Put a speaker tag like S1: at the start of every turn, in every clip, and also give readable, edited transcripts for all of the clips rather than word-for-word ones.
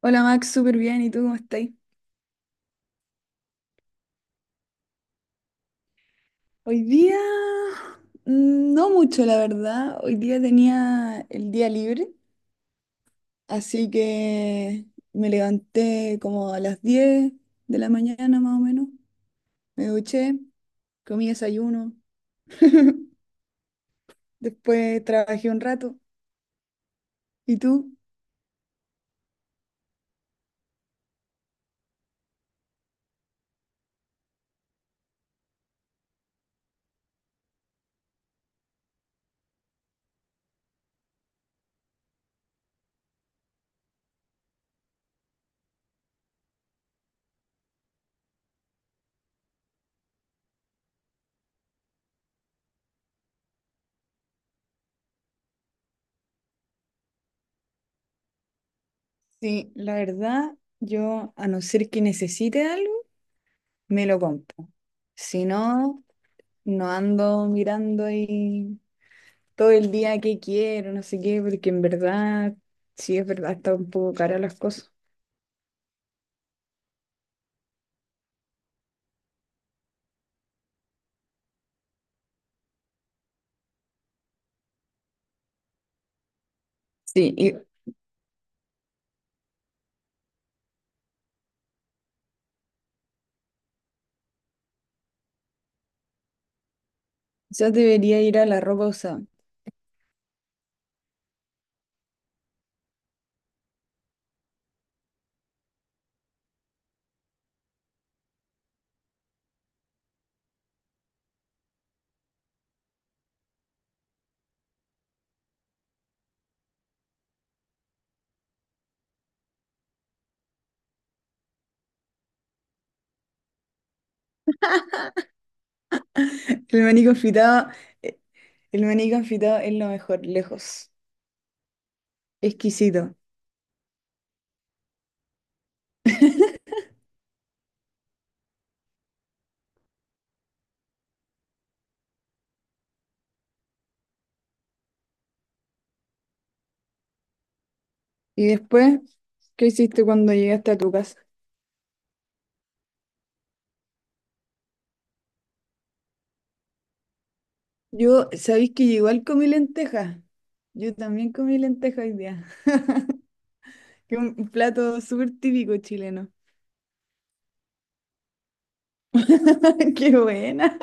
S1: Hola Max, súper bien. ¿Y tú cómo estás? Hoy día, no mucho, la verdad. Hoy día tenía el día libre, así que me levanté como a las 10 de la mañana más o menos. Me duché, comí desayuno, después trabajé un rato. ¿Y tú? Sí, la verdad, yo a no ser que necesite algo, me lo compro. Si no, no ando mirando ahí todo el día que quiero, no sé qué, porque en verdad, sí es verdad, está un poco cara las cosas. Sí, y yo debería ir a la ropa usada. El maní confitado, eh, el maní confitado es lo mejor, lejos, exquisito. Y después, ¿qué hiciste cuando llegaste a tu casa? Yo, ¿sabéis que yo igual comí lentejas? Yo también comí lentejas hoy día, que es un plato súper típico chileno. ¡Qué buena!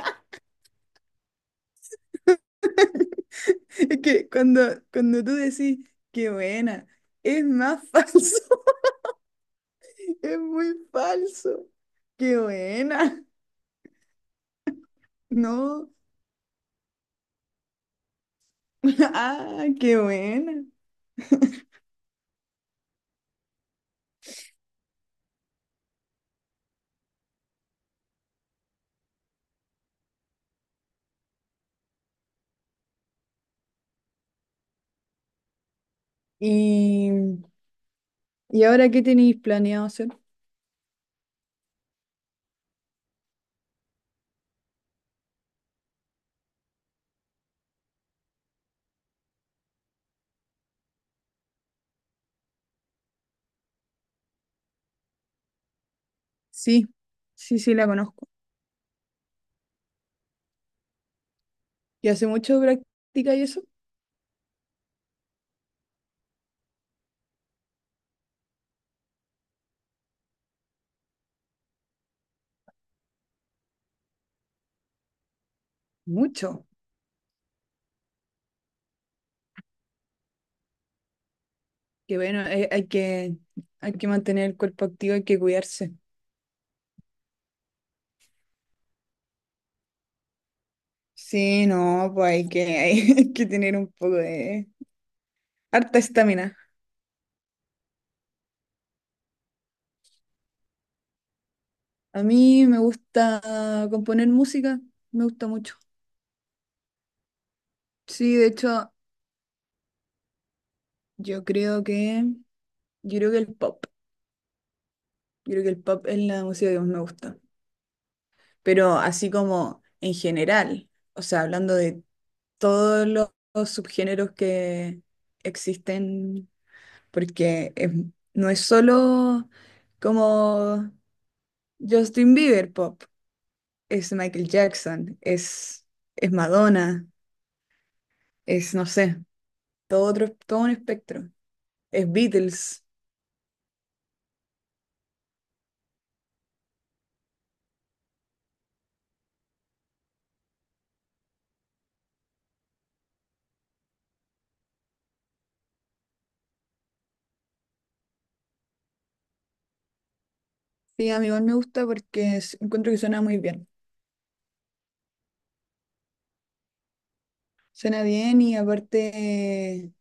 S1: Es que cuando tú decís, qué buena, es más falso, es muy falso. Qué buena, no, ah, qué buena. ¿Y, y ahora qué tenéis planeado hacer? Sí, sí, sí, la conozco. ¿Y hace mucho práctica y eso? Mucho. Que bueno, hay, hay que mantener el cuerpo activo, hay que cuidarse. Sí, no, pues hay que, hay que tener un poco de harta estamina. A mí me gusta componer música, me gusta mucho. Sí, de hecho, yo creo que, yo creo que el pop, yo creo que el pop es la música que más me gusta. Pero así como en general, o sea, hablando de todos los subgéneros que existen, porque no es solo como Justin Bieber pop, es Michael Jackson, es Madonna, es, no sé, todo un espectro. Es Beatles. Sí, a mí igual me gusta porque encuentro que suena muy bien. Suena bien y aparte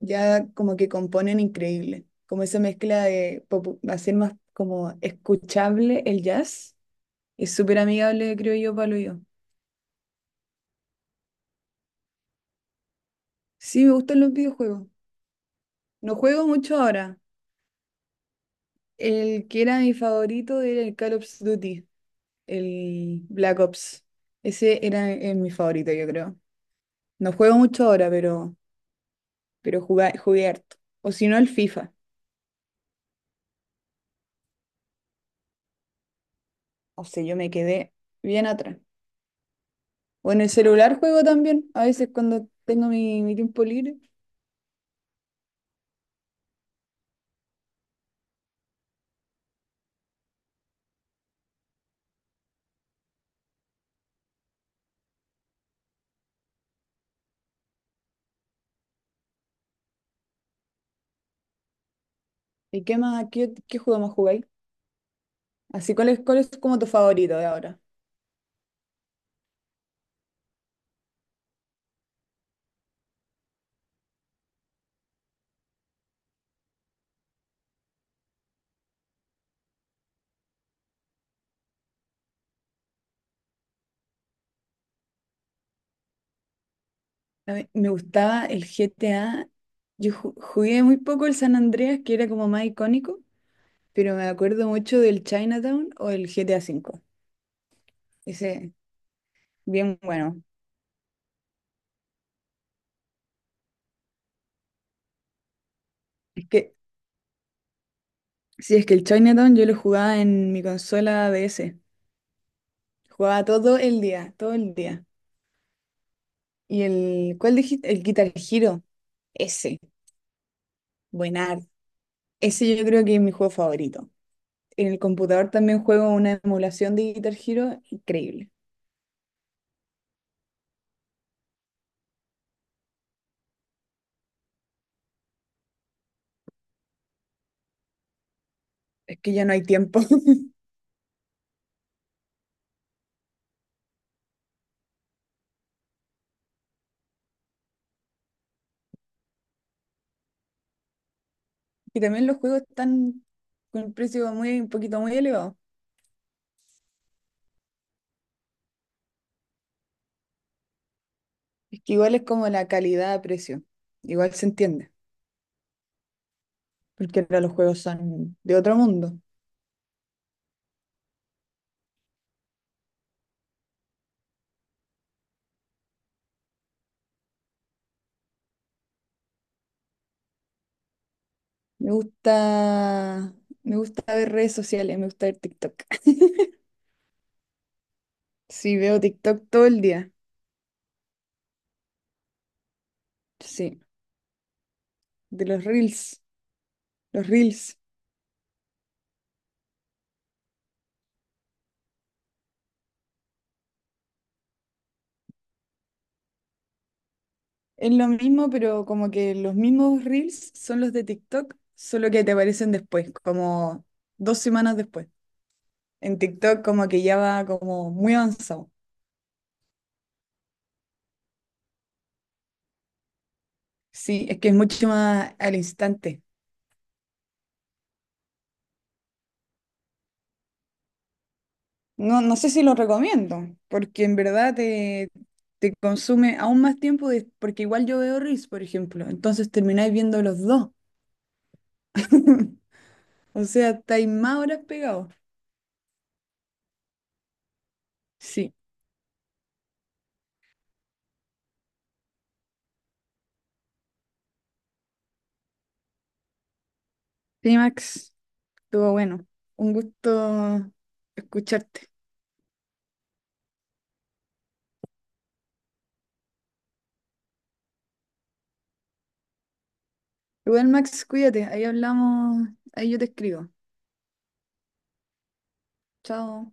S1: ya como que componen increíble. Como esa mezcla de hacer más como escuchable el jazz es súper amigable, creo yo, para lo yo. Sí, me gustan los videojuegos. No juego mucho ahora. El que era mi favorito era el Call of Duty, el Black Ops. Ese era mi favorito, yo creo. No juego mucho ahora, pero jugué harto. O si no, el FIFA. O sea, yo me quedé bien atrás. O en el celular juego también, a veces cuando tengo mi tiempo libre. ¿Y qué más, qué juego más jugáis? Así, ¿cuál es como tu favorito de ahora? A mí me gustaba el GTA. Yo jugué muy poco el San Andreas, que era como más icónico, pero me acuerdo mucho del Chinatown o el GTA V. Ese, bien bueno. Es que, sí, es que el Chinatown yo lo jugaba en mi consola DS. Jugaba todo el día, todo el día. ¿Y el, cuál dijiste? El Guitar Hero. Ese, buenard. Ese yo creo que es mi juego favorito. En el computador también juego una emulación de Guitar Hero, increíble. Es que ya no hay tiempo. Y también los juegos están con un precio muy, un poquito muy elevado. Es que igual es como la calidad a precio. Igual se entiende, porque ahora los juegos son de otro mundo. Me gusta, me gusta ver redes sociales, me gusta ver TikTok. Sí, veo TikTok todo el día. Sí, de los reels. Los reels. Es lo mismo, pero como que los mismos reels son los de TikTok, solo que te aparecen después, como dos semanas después. En TikTok como que ya va como muy avanzado. Sí, es que es mucho más al instante. No, no sé si lo recomiendo, porque en verdad te, te consume aún más tiempo, de- porque igual yo veo reels, por ejemplo, entonces termináis viendo los dos. O sea, estáis más horas pegados. Sí. Sí, Max, estuvo bueno. Un gusto escucharte. Igual, Max, cuídate. Ahí hablamos, ahí yo te escribo. Chao.